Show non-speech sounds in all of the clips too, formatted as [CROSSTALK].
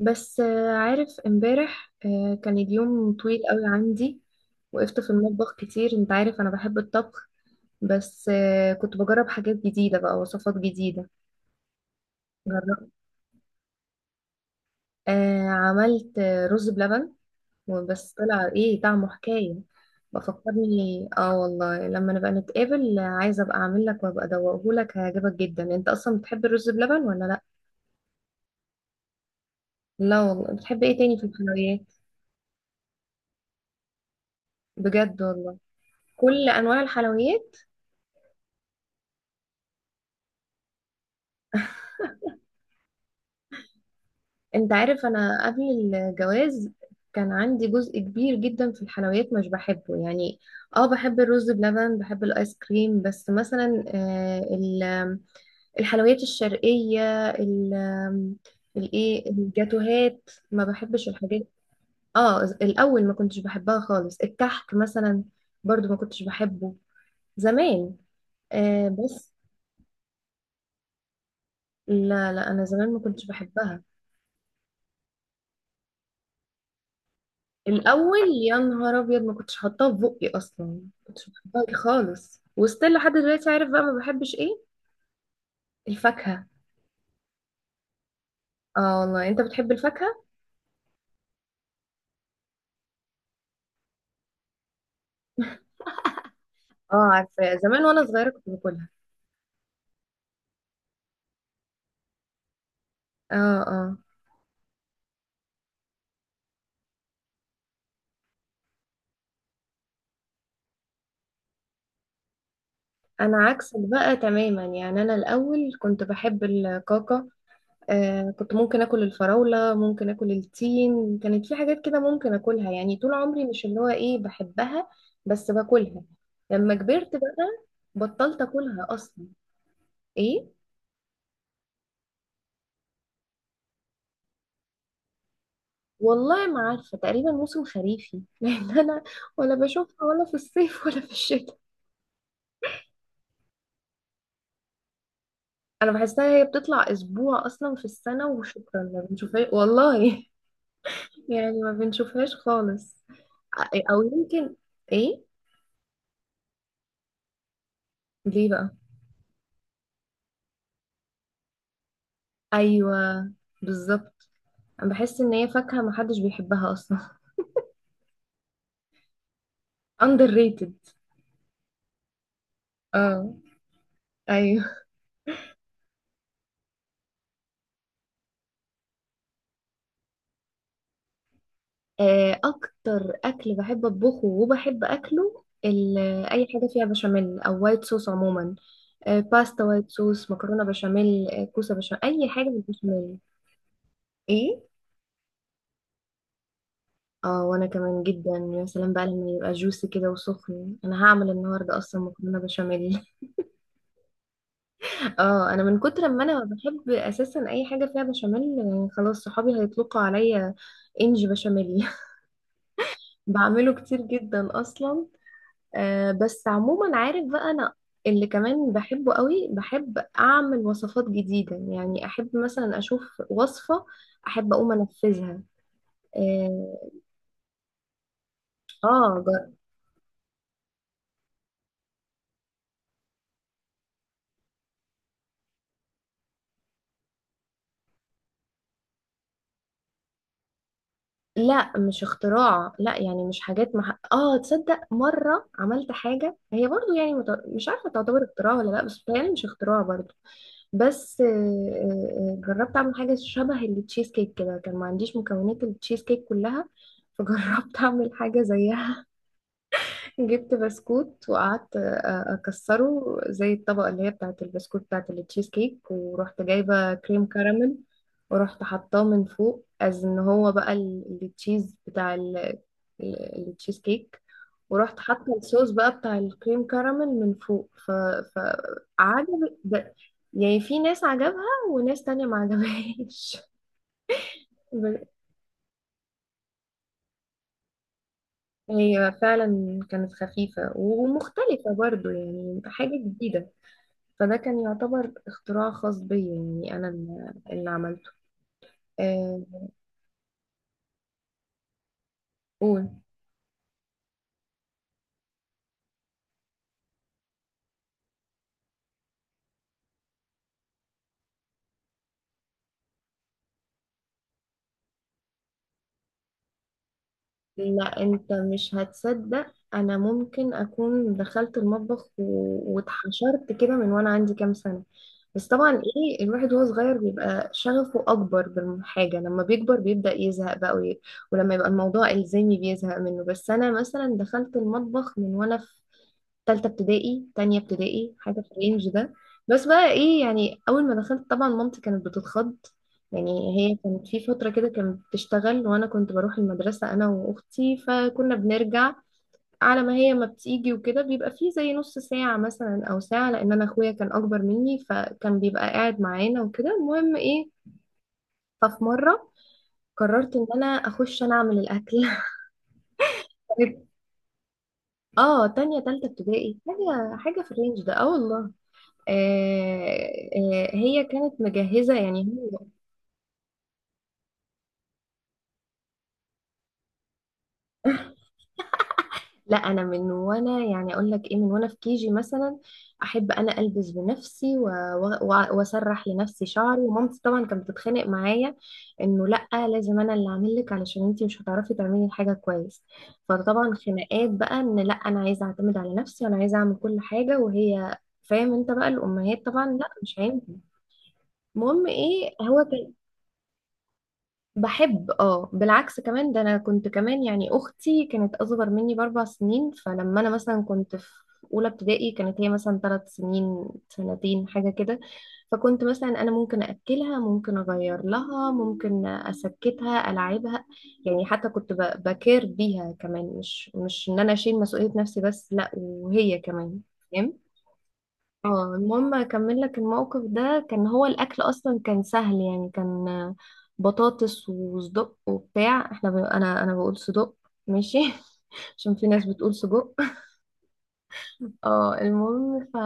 بس، عارف، امبارح، كان اليوم طويل قوي عندي. وقفت في المطبخ كتير، انت عارف انا بحب الطبخ. بس، كنت بجرب حاجات جديدة، بقى وصفات جديدة. جربت، عملت، رز بلبن. وبس طلع ايه طعمه، حكاية. بفكرني، اه والله لما نبقى نتقابل، عايزة ابقى اعمل لك وابقى ادوقه لك، هيعجبك جدا. انت اصلا بتحب الرز بلبن ولا لا؟ لا والله، بتحب ايه تاني في الحلويات؟ بجد والله؟ كل انواع الحلويات. [LAUGHS] انت عارف، انا قبل الجواز كان عندي جزء كبير جدا في الحلويات مش بحبه يعني. اه، بحب الرز بلبن، بحب الايس كريم، بس مثلا، الحلويات الشرقية، الجاتوهات ما بحبش الحاجات. اه، الاول ما كنتش بحبها خالص، الكحك مثلا برضو ما كنتش بحبه زمان. بس لا، لا، انا زمان ما كنتش بحبها. الاول يا نهار ابيض، ما كنتش حاطاه في بقي اصلا، ما كنتش بحبها خالص، وستيل لحد دلوقتي. عارف بقى ما بحبش ايه؟ الفاكهه. اه والله، انت بتحب الفاكهه؟ اه، عارفه زمان وانا صغيره كنت باكلها. اه، اه. انا عكسك بقى تماما، يعني انا الاول كنت بحب الكاكا. كنت ممكن اكل الفراوله، ممكن اكل التين، كانت في حاجات كده ممكن اكلها، يعني طول عمري مش اللي هو ايه بحبها. بس باكلها. لما كبرت بقى بطلت اكلها اصلا. ايه والله، ما عارفة، تقريبا موسم خريفي. [LAUGHS] لأن أنا ولا بشوفها، ولا في الصيف ولا في الشتاء. أنا بحسها هي بتطلع أسبوع أصلا في السنة، وشكرا ما بنشوفهاش والله. [LAUGHS] يعني ما بنشوفهاش خالص. أو يمكن. إيه؟ ليه بقى؟ أيوة، بالظبط. أنا بحس إن هي فاكهة ما حدش بيحبها أصلا. [LAUGHS] underrated. اه. أيوة. أكتر أكل بحب أطبخه وبحب أكله، أي حاجة فيها بشاميل أو وايت صوص عموما. باستا وايت صوص، مكرونة بشاميل، كوسة بشاميل، أي حاجة بالبشاميل. ايه؟ اه، وأنا كمان جدا. يا سلام بقى لما يبقى جوسي كده وسخن. أنا هعمل النهاردة أصلا مكرونة بشاميل. [LAUGHS] اه، أنا من كتر ما أنا بحب أساسا أي حاجة فيها بشاميل، خلاص صحابي هيطلقوا عليا إنج بشاميل. [LAUGHS] بعمله كتير جدا أصلا. بس عموما، عارف بقى، أنا اللي كمان بحبه قوي، بحب أعمل وصفات جديدة، يعني أحب مثلا أشوف وصفة، أحب أقوم أنفذها. اه. آه، جر... لا، مش اختراع، لا يعني مش حاجات اه، تصدق مرة عملت حاجة هي برضو يعني مش عارفة تعتبر اختراع ولا لا، بس يعني مش اختراع برضو. بس جربت اعمل حاجة شبه التشيز كيك كده، كان ما عنديش مكونات التشيز كيك كلها. فجربت [LAUGHS] اعمل حاجة زيها. جبت بسكوت وقعدت اكسره زي الطبقه اللي هي بتاعه البسكوت، بتاعه التشيز كيك، ورحت جايبه كريم كراميل. ورحت حطاه من فوق، از ان هو بقى التشيز بتاع التشيز كيك. ورحت حاطه الصوص بقى بتاع الكريم كراميل من فوق ف عجب يعني في ناس عجبها وناس تانية ما عجبهاش. [LAUGHS] ب- هي فعلا كانت خفيفة ومختلفة برضو، يعني حاجة جديدة. فده كان يعتبر اختراع خاص بيا، يعني أنا اللي عملته. آه، قول. لا، أنت مش هتصدق. أنا ممكن أكون دخلت المطبخ واتحشرت كده من وأنا عندي كام سنة. بس طبعا إيه، الواحد وهو صغير بيبقى شغفه أكبر بالحاجة، لما بيكبر بيبدأ يزهق بقى ولما يبقى الموضوع إلزامي بيزهق منه. بس أنا مثلا دخلت المطبخ من وأنا تالتة ابتدائي، تانية ابتدائي، حاجة في الرينج ده. بس بقى ايه، يعني أول ما دخلت طبعا مامتي كانت بتتخض. يعني هي كانت في فترة كده كانت بتشتغل، وأنا كنت بروح المدرسة أنا وأختي، فكنا بنرجع على ما هي ما بتيجي، وكده بيبقى فيه زي نص ساعة مثلا أو ساعة، لأن أنا أخويا كان أكبر مني فكان بيبقى قاعد معانا وكده، المهم ايه. ففي مرة قررت إن أنا أخش، أنا أعمل الأكل. [LAUGHS] اه، تانية تالتة ابتدائي، حاجة في الرينج ده، اه والله. هي كانت مجهزة، يعني هي. لا، أنا من وأنا، يعني أقول لك إيه، من وأنا في كيجي مثلا أحب أنا ألبس بنفسي وأسرح لنفسي شعري، ومامتي طبعا كانت بتتخانق معايا إنه لأ، لازم أنا اللي أعمل لك علشان أنتي مش هتعرفي تعملي الحاجة كويس. فطبعا خناقات بقى إن لأ، أنا عايزة أعتمد على نفسي، وأنا عايزة أعمل كل حاجة، وهي فاهم أنت بقى الأمهات طبعا، لأ مش هينفع. المهم إيه، هو كان بحب. اه بالعكس، كمان ده انا كنت كمان، يعني اختي كانت اصغر مني باربع سنين، فلما انا مثلا كنت في اولى ابتدائي كانت هي مثلا 3 سنين، سنتين، حاجه كده. فكنت مثلا انا ممكن اكلها، ممكن اغير لها، ممكن اسكتها، العبها. يعني حتى كنت بكير بيها كمان، مش ان انا اشيل مسؤوليه نفسي بس، لا وهي كمان. اه، المهم اكمل لك الموقف ده. كان هو الاكل اصلا كان سهل، يعني كان بطاطس وصدق وبتاع. احنا انا بقول صدق، ماشي. [LAUGHS] عشان في ناس بتقول سجق. [LAUGHS] اه، المهم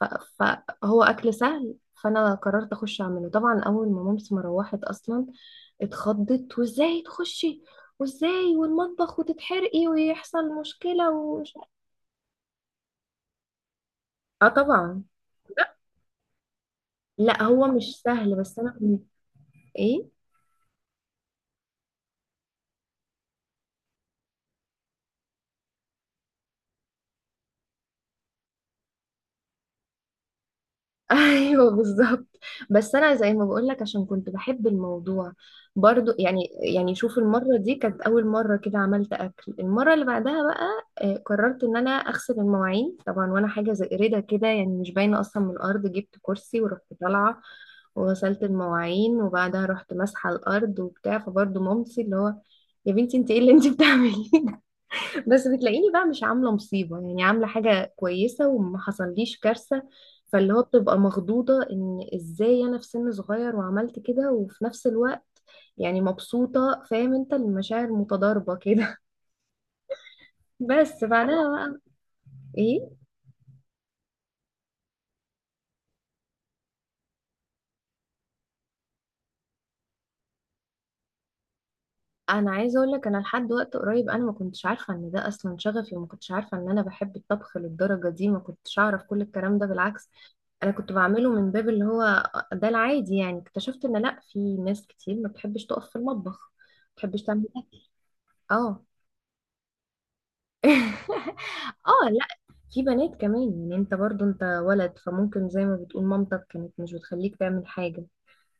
ف... فهو اكل سهل. فانا قررت اخش اعمله، طبعا، اول ما مامتي ما روحت اصلا اتخضت، وازاي تخشي، وازاي، والمطبخ، وتتحرقي، ويحصل مشكلة، ومش. اه طبعا. لا، هو مش سهل بس انا. ايه. [LAUGHS] ايوه، بالظبط. بس انا زي ما بقولك، عشان كنت بحب الموضوع برضو يعني. يعني شوف، المره دي كانت اول مره كده عملت اكل. المره اللي بعدها بقى قررت ان انا اغسل المواعين. طبعا وانا حاجه زي قريده كده، يعني مش باينه اصلا من الارض، جبت كرسي ورحت طالعه وغسلت المواعين، وبعدها رحت ماسحه الارض وبتاع، فبرضو مامتي اللي هو: يا بنتي، انت ايه اللي انت [LAUGHS] بتعمليه؟ بس بتلاقيني بقى مش عاملة مصيبة، يعني عاملة حاجة كويسة وما حصليش كارثة. فاللي هو بتبقى مخضوضة ان ازاي انا في سن صغير وعملت كده، وفي نفس الوقت يعني مبسوطة، فاهم انت، المشاعر متضاربة كده. [LAUGHS] بس بعدها بقى ايه، انا عايزة اقول لك، انا لحد وقت قريب انا ما كنتش عارفة ان ده اصلا شغفي، وما كنتش عارفة ان انا بحب الطبخ للدرجة دي، ما كنتش اعرف كل الكلام ده، بالعكس. انا كنت بعمله من باب اللي هو ده العادي، يعني اكتشفت ان لا، في ناس كتير ما بتحبش تقف في المطبخ، ما بتحبش تعمل اكل. اه. [LAUGHS] اه، لا، في بنات كمان، يعني انت برضو انت ولد فممكن، زي ما بتقول مامتك كانت مش بتخليك تعمل حاجة.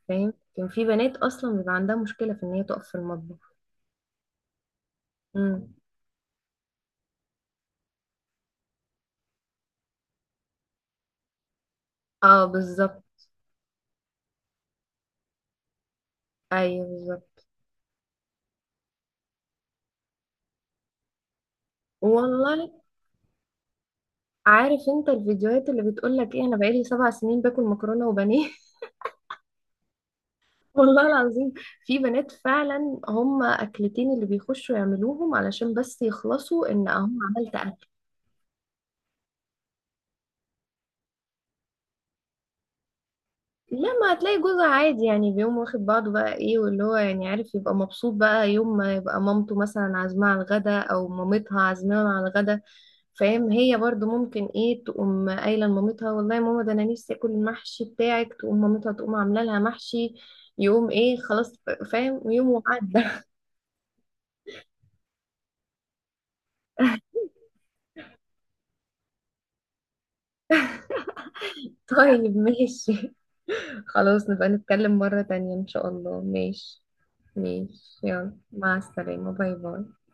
فاهم، كان في بنات اصلا بيبقى عندها مشكلة في ان هي تقف في المطبخ. امم. اه، بالظبط. ايوه، بالظبط. والله، عارف انت الفيديوهات اللي بتقولك ايه؟ انا بقالي 7 سنين باكل مكرونة وبانيه. والله العظيم. في بنات فعلا هم اكلتين اللي بيخشوا يعملوهم علشان بس يخلصوا ان اهو عملت اكل. لما هتلاقي جوزها عادي، يعني بيقوم واخد بعضه بقى ايه، واللي هو يعني عارف، يبقى مبسوط بقى يوم ما يبقى مامته مثلا عازماه على الغدا، او مامتها عازماه على الغدا. فاهم، هي برضو ممكن ايه تقوم قايله لمامتها: والله يا ماما، ده انا نفسي اكل المحشي بتاعك، تقوم مامتها تقوم عامله لها محشي. يقوم ايه، خلاص. فاهم، يوم وعدى. [LAUGHS] طيب، ماشي. خلاص، نبقى نتكلم مرة تانية إن شاء الله، ماشي. ماشي، يلا، مع السلامة، باي باي.